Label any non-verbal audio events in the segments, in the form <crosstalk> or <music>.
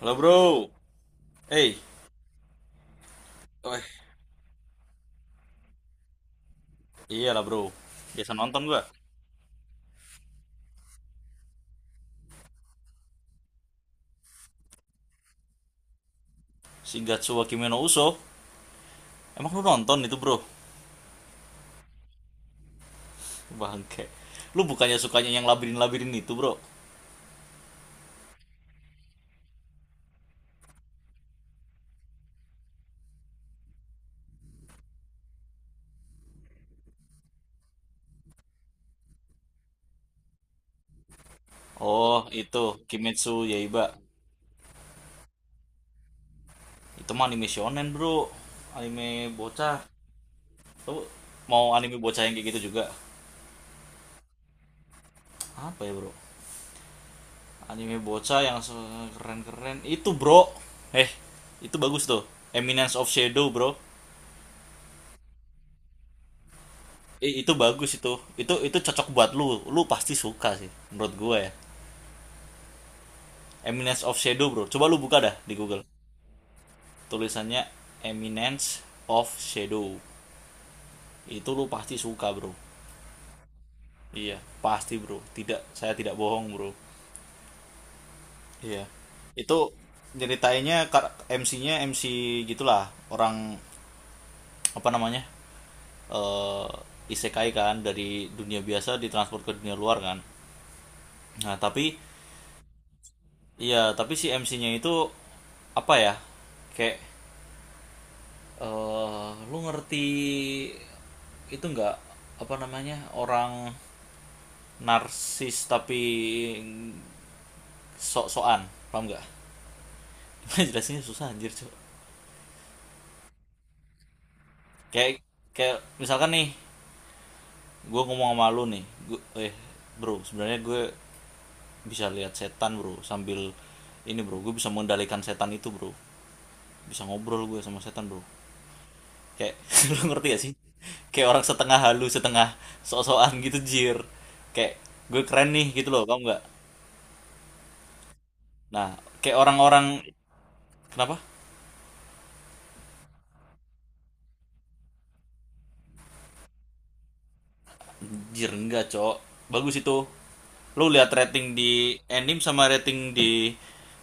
Halo bro. Eh, eh iya lah bro. Biasa nonton gua. Shigatsu wa Kimi no Uso. Emang lu nonton itu bro? Bangke. Lu bukannya sukanya yang labirin-labirin itu bro? Oh itu Kimetsu Yaiba. Itu mah anime shonen bro. Anime bocah. Lu mau anime bocah yang kayak gitu juga? Apa ya bro? Anime bocah yang keren-keren. Itu bro. Eh, itu bagus tuh. Eminence of Shadow bro. Itu bagus, itu cocok buat lu lu pasti suka sih menurut gue ya. Eminence of Shadow bro, coba lu buka dah di Google, tulisannya Eminence of Shadow, itu lu pasti suka bro. Iya, pasti bro, tidak, saya tidak bohong bro. Iya, itu nyeritainnya, MC gitulah orang, apa namanya, eh isekai kan, dari dunia biasa ditransport ke dunia luar kan, nah tapi. Iya, tapi si MC-nya itu apa ya? Kayak lu ngerti itu nggak, apa namanya? Orang narsis tapi sok-sokan, paham nggak? <laughs> Jelasinnya susah anjir, Cuk. Kayak kayak misalkan nih, gue ngomong sama lu nih, gue eh bro, sebenarnya gue bisa lihat setan, bro, sambil ini, bro, gue bisa mengendalikan setan itu, bro. Bisa ngobrol gue sama setan, bro. Kayak <laughs> lu ngerti gak sih? Kayak orang setengah halu, setengah sok-sokan gitu jir. Kayak gue keren nih gitu loh, kamu nggak? Nah, kayak orang-orang, kenapa? Jir enggak, Cok. Bagus itu. Lu lihat rating di anime sama rating di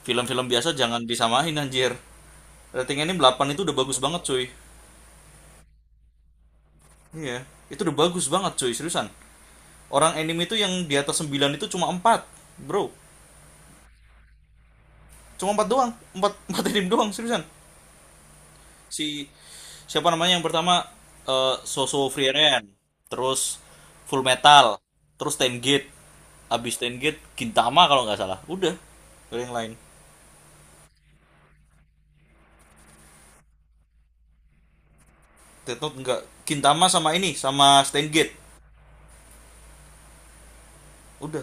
film-film biasa jangan disamain anjir. Rating anime 8 itu udah bagus banget, cuy. Iya, itu udah bagus banget, cuy, seriusan. Orang anime itu yang di atas 9 itu cuma 4 bro. Cuma 4 doang, 4 <laughs> 4 anime doang, seriusan. Si, siapa namanya yang pertama, Soso Frieren, terus Full Metal, terus Ten Gate, abis Ten Gate Gintama kalau nggak salah, udah. Nggak yang lain. Death Note nggak, Gintama sama ini sama Ten Gate, udah.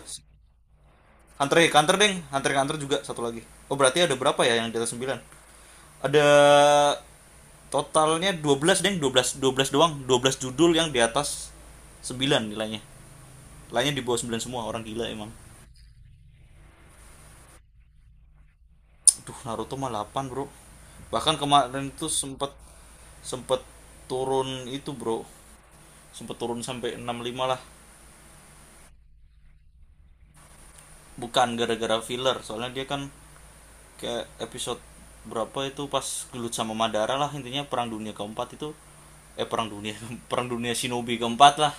Hunter x Hunter deng, Hunter x Hunter juga satu lagi. Oh berarti ada berapa ya yang di atas sembilan? Ada totalnya 12 deng, 12 doang, 12 judul yang di atas 9 nilainya. Lainnya di bawah 9 semua, orang gila emang. Aduh, Naruto mah 8 bro. Bahkan kemarin itu sempet sempet turun itu, bro. Sempet turun sampai enam lima lah. Bukan gara-gara filler, soalnya dia kan kayak episode berapa itu pas gelut sama Madara lah, intinya perang dunia keempat itu, perang dunia <laughs> perang dunia shinobi keempat lah,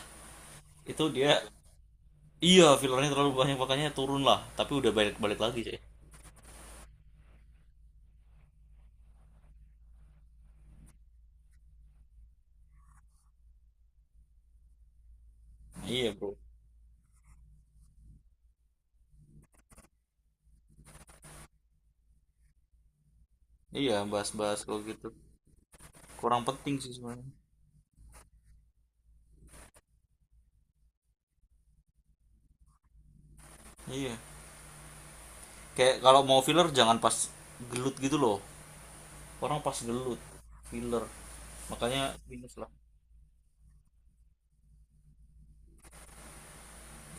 itu dia. Iya, fillernya terlalu banyak, makanya turun lah, tapi udah balik-balik lagi sih. Iya bro. Iya, bahas-bahas kalau gitu kurang penting sih sebenarnya. Iya, kayak kalau mau filler jangan pas gelut gitu loh, orang pas gelut filler, makanya minus lah.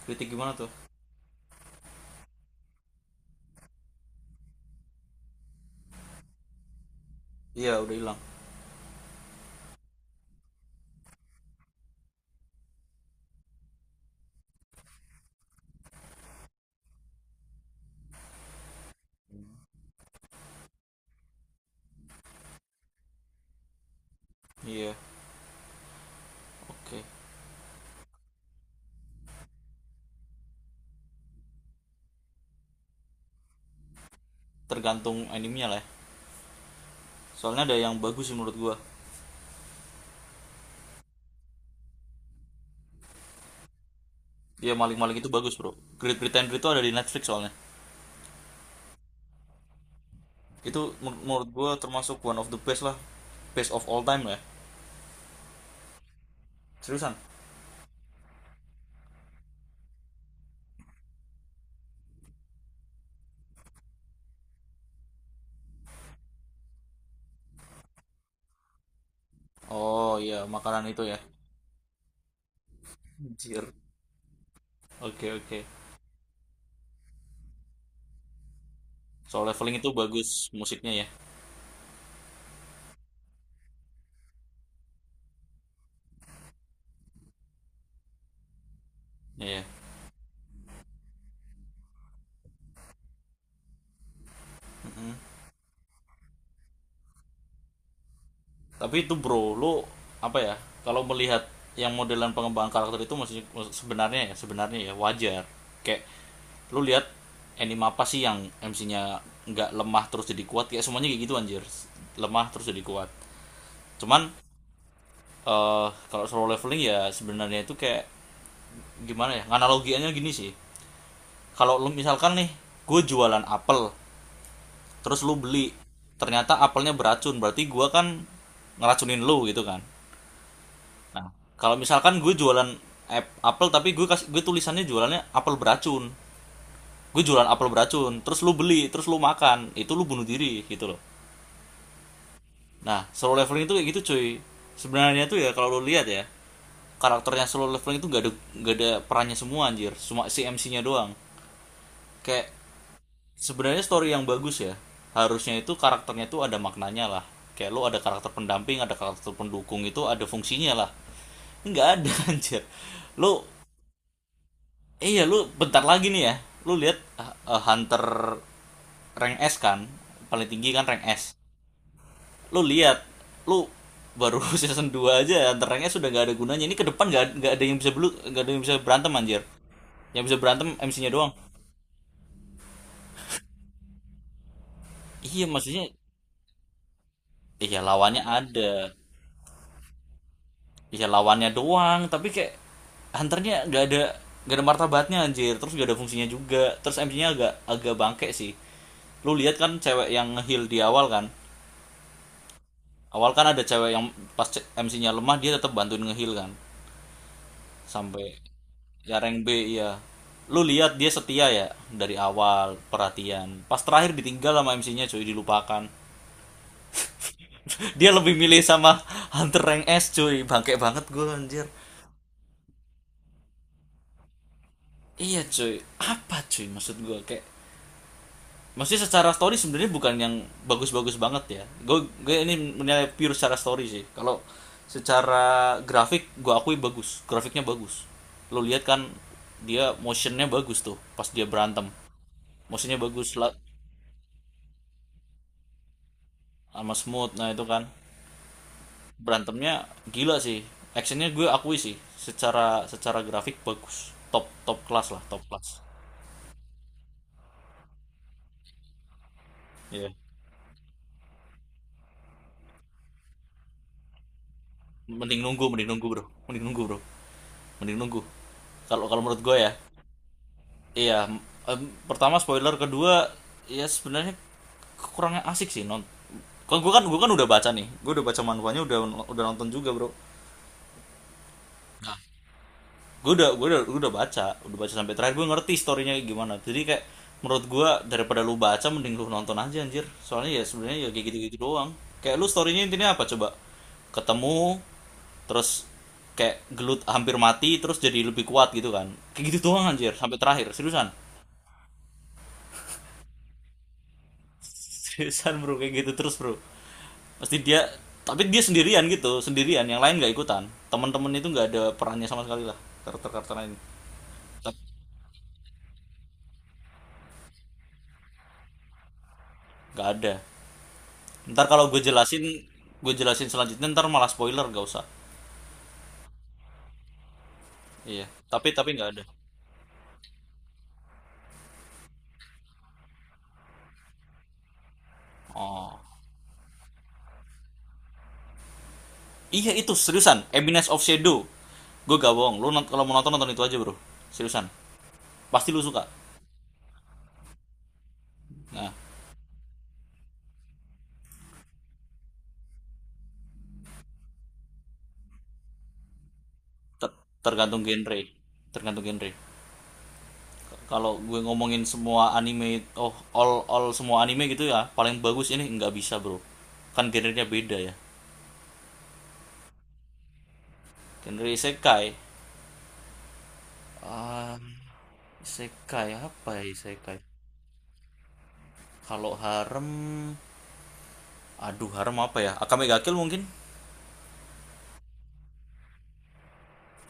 Kritik gimana tuh? Iya udah hilang. Iya, oke. Tergantung animenya lah ya. Soalnya ada yang bagus sih menurut gua. Iya, maling-maling itu bagus bro. Great Britain Break itu ada di Netflix soalnya. Itu menurut gua termasuk one of the best lah, best of all time lah ya. Seriusan. Oh iya, makanan itu ya. Anjir. Oke, oke. Soal leveling itu bagus musiknya ya. Iya. Tapi itu bro, lu apa ya? Kalau melihat yang modelan pengembangan karakter itu maksudnya, sebenarnya ya, sebenarnya ya, wajar. Kayak lu lihat anime apa sih yang MC-nya nggak lemah terus jadi kuat? Kayak semuanya kayak gitu anjir. Lemah terus jadi kuat. Cuman, kalau solo leveling ya sebenarnya itu kayak gimana ya? Analogiannya gini sih. Kalau lu misalkan nih, gue jualan apel, terus lu beli, ternyata apelnya beracun, berarti gua kan ngeracunin lu gitu kan. Nah, kalau misalkan gue jualan apel, tapi gue kasih, gue tulisannya jualannya apel beracun. Gue jualan apel beracun, terus lu beli, terus lu makan, itu lu bunuh diri gitu loh. Nah, solo leveling itu kayak gitu cuy. Sebenarnya tuh ya kalau lu lihat ya, karakternya solo leveling itu gak ada perannya semua anjir, cuma si MC-nya doang. Kayak sebenarnya story yang bagus ya. Harusnya itu karakternya tuh ada maknanya lah. Kayak lu ada karakter pendamping, ada karakter pendukung itu ada fungsinya lah. Nggak ada <laughs> anjir. Lu iya, lu bentar lagi nih ya, lu lihat hunter rank S kan, paling tinggi kan rank S. Lu lihat, lu baru <laughs> season 2 aja hunter rank S sudah nggak ada gunanya, ini ke depan nggak ada yang bisa belu, nggak ada yang bisa berantem anjir. Yang bisa berantem MC-nya doang. Iya, maksudnya. Iya, lawannya ada. Iya, lawannya doang tapi kayak hunternya nggak ada martabatnya anjir, terus nggak ada fungsinya juga, terus MC-nya agak agak bangke sih. Lu lihat kan cewek yang heal di awal kan, awal kan ada cewek yang pas MC-nya lemah dia tetap bantuin ngehil kan sampai, ya rank B iya. Lu lihat dia setia ya, dari awal perhatian, pas terakhir ditinggal sama MC-nya cuy, dilupakan. <laughs> Dia lebih milih sama Hunter rank S cuy, bangke banget gue anjir. Iya cuy, apa cuy, maksud gue kayak. Maksudnya secara story sebenarnya bukan yang bagus-bagus banget ya. Gue ini menilai pure secara story sih. Kalau secara grafik gue akui bagus, grafiknya bagus. Lo lihat kan dia motionnya bagus tuh pas dia berantem. Motionnya bagus lah, sama smooth nah itu kan. Berantemnya gila sih. Actionnya gue akui sih. Secara secara grafik bagus. Top top kelas lah, top kelas. Iya. Mending nunggu bro, mending nunggu bro, mending nunggu. Kalau kalau menurut gue ya, iya, em, pertama spoiler, kedua ya sebenarnya kurangnya asik sih non. Kan gue kan udah baca nih, gue udah baca manhwanya, udah nonton juga bro. Gue udah baca, udah baca sampai terakhir gue ngerti storynya gimana. Jadi kayak menurut gue daripada lu baca mending lu nonton aja anjir. Soalnya ya sebenarnya ya kayak gitu-gitu doang. Kayak lu storynya intinya apa coba? Ketemu, terus kayak gelut hampir mati, terus jadi lebih kuat gitu kan. Kayak gitu doang anjir sampai terakhir, seriusan. Seriusan bro, kayak gitu terus bro, pasti dia, tapi dia sendirian gitu, sendirian yang lain nggak ikutan, teman-teman itu nggak ada perannya sama sekali lah, karakter karakter ini. Nggak ada. Ntar kalau gue jelasin selanjutnya ntar malah spoiler, gak usah. Iya, tapi nggak ada. Oh iya, itu seriusan Eminence of Shadow, gue gak bohong, kalau mau nonton, nonton itu aja bro. Seriusan, pasti lu suka. Nah, ter- tergantung genre, tergantung genre. Kalau gue ngomongin semua anime, oh all semua anime gitu ya, paling bagus ini nggak bisa bro. Kan genrenya beda ya. Genre isekai, ah isekai apa ya isekai. Kalau harem, aduh, harem apa ya? Akame ga Kill mungkin.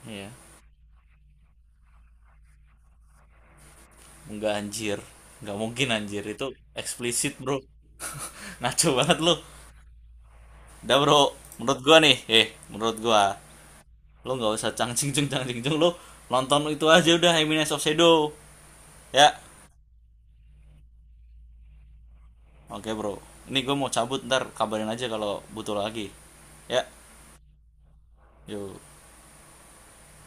Iya nggak anjir, nggak mungkin anjir, itu eksplisit bro. <laughs> Naco banget lo. Udah bro, menurut gua nih, menurut gua lo nggak usah cangcing cing cangcing cing, lo nonton itu aja udah Eminence of Shadow ya. Oke bro, ini gue mau cabut, ntar kabarin aja kalau butuh lagi. Ya, yuk.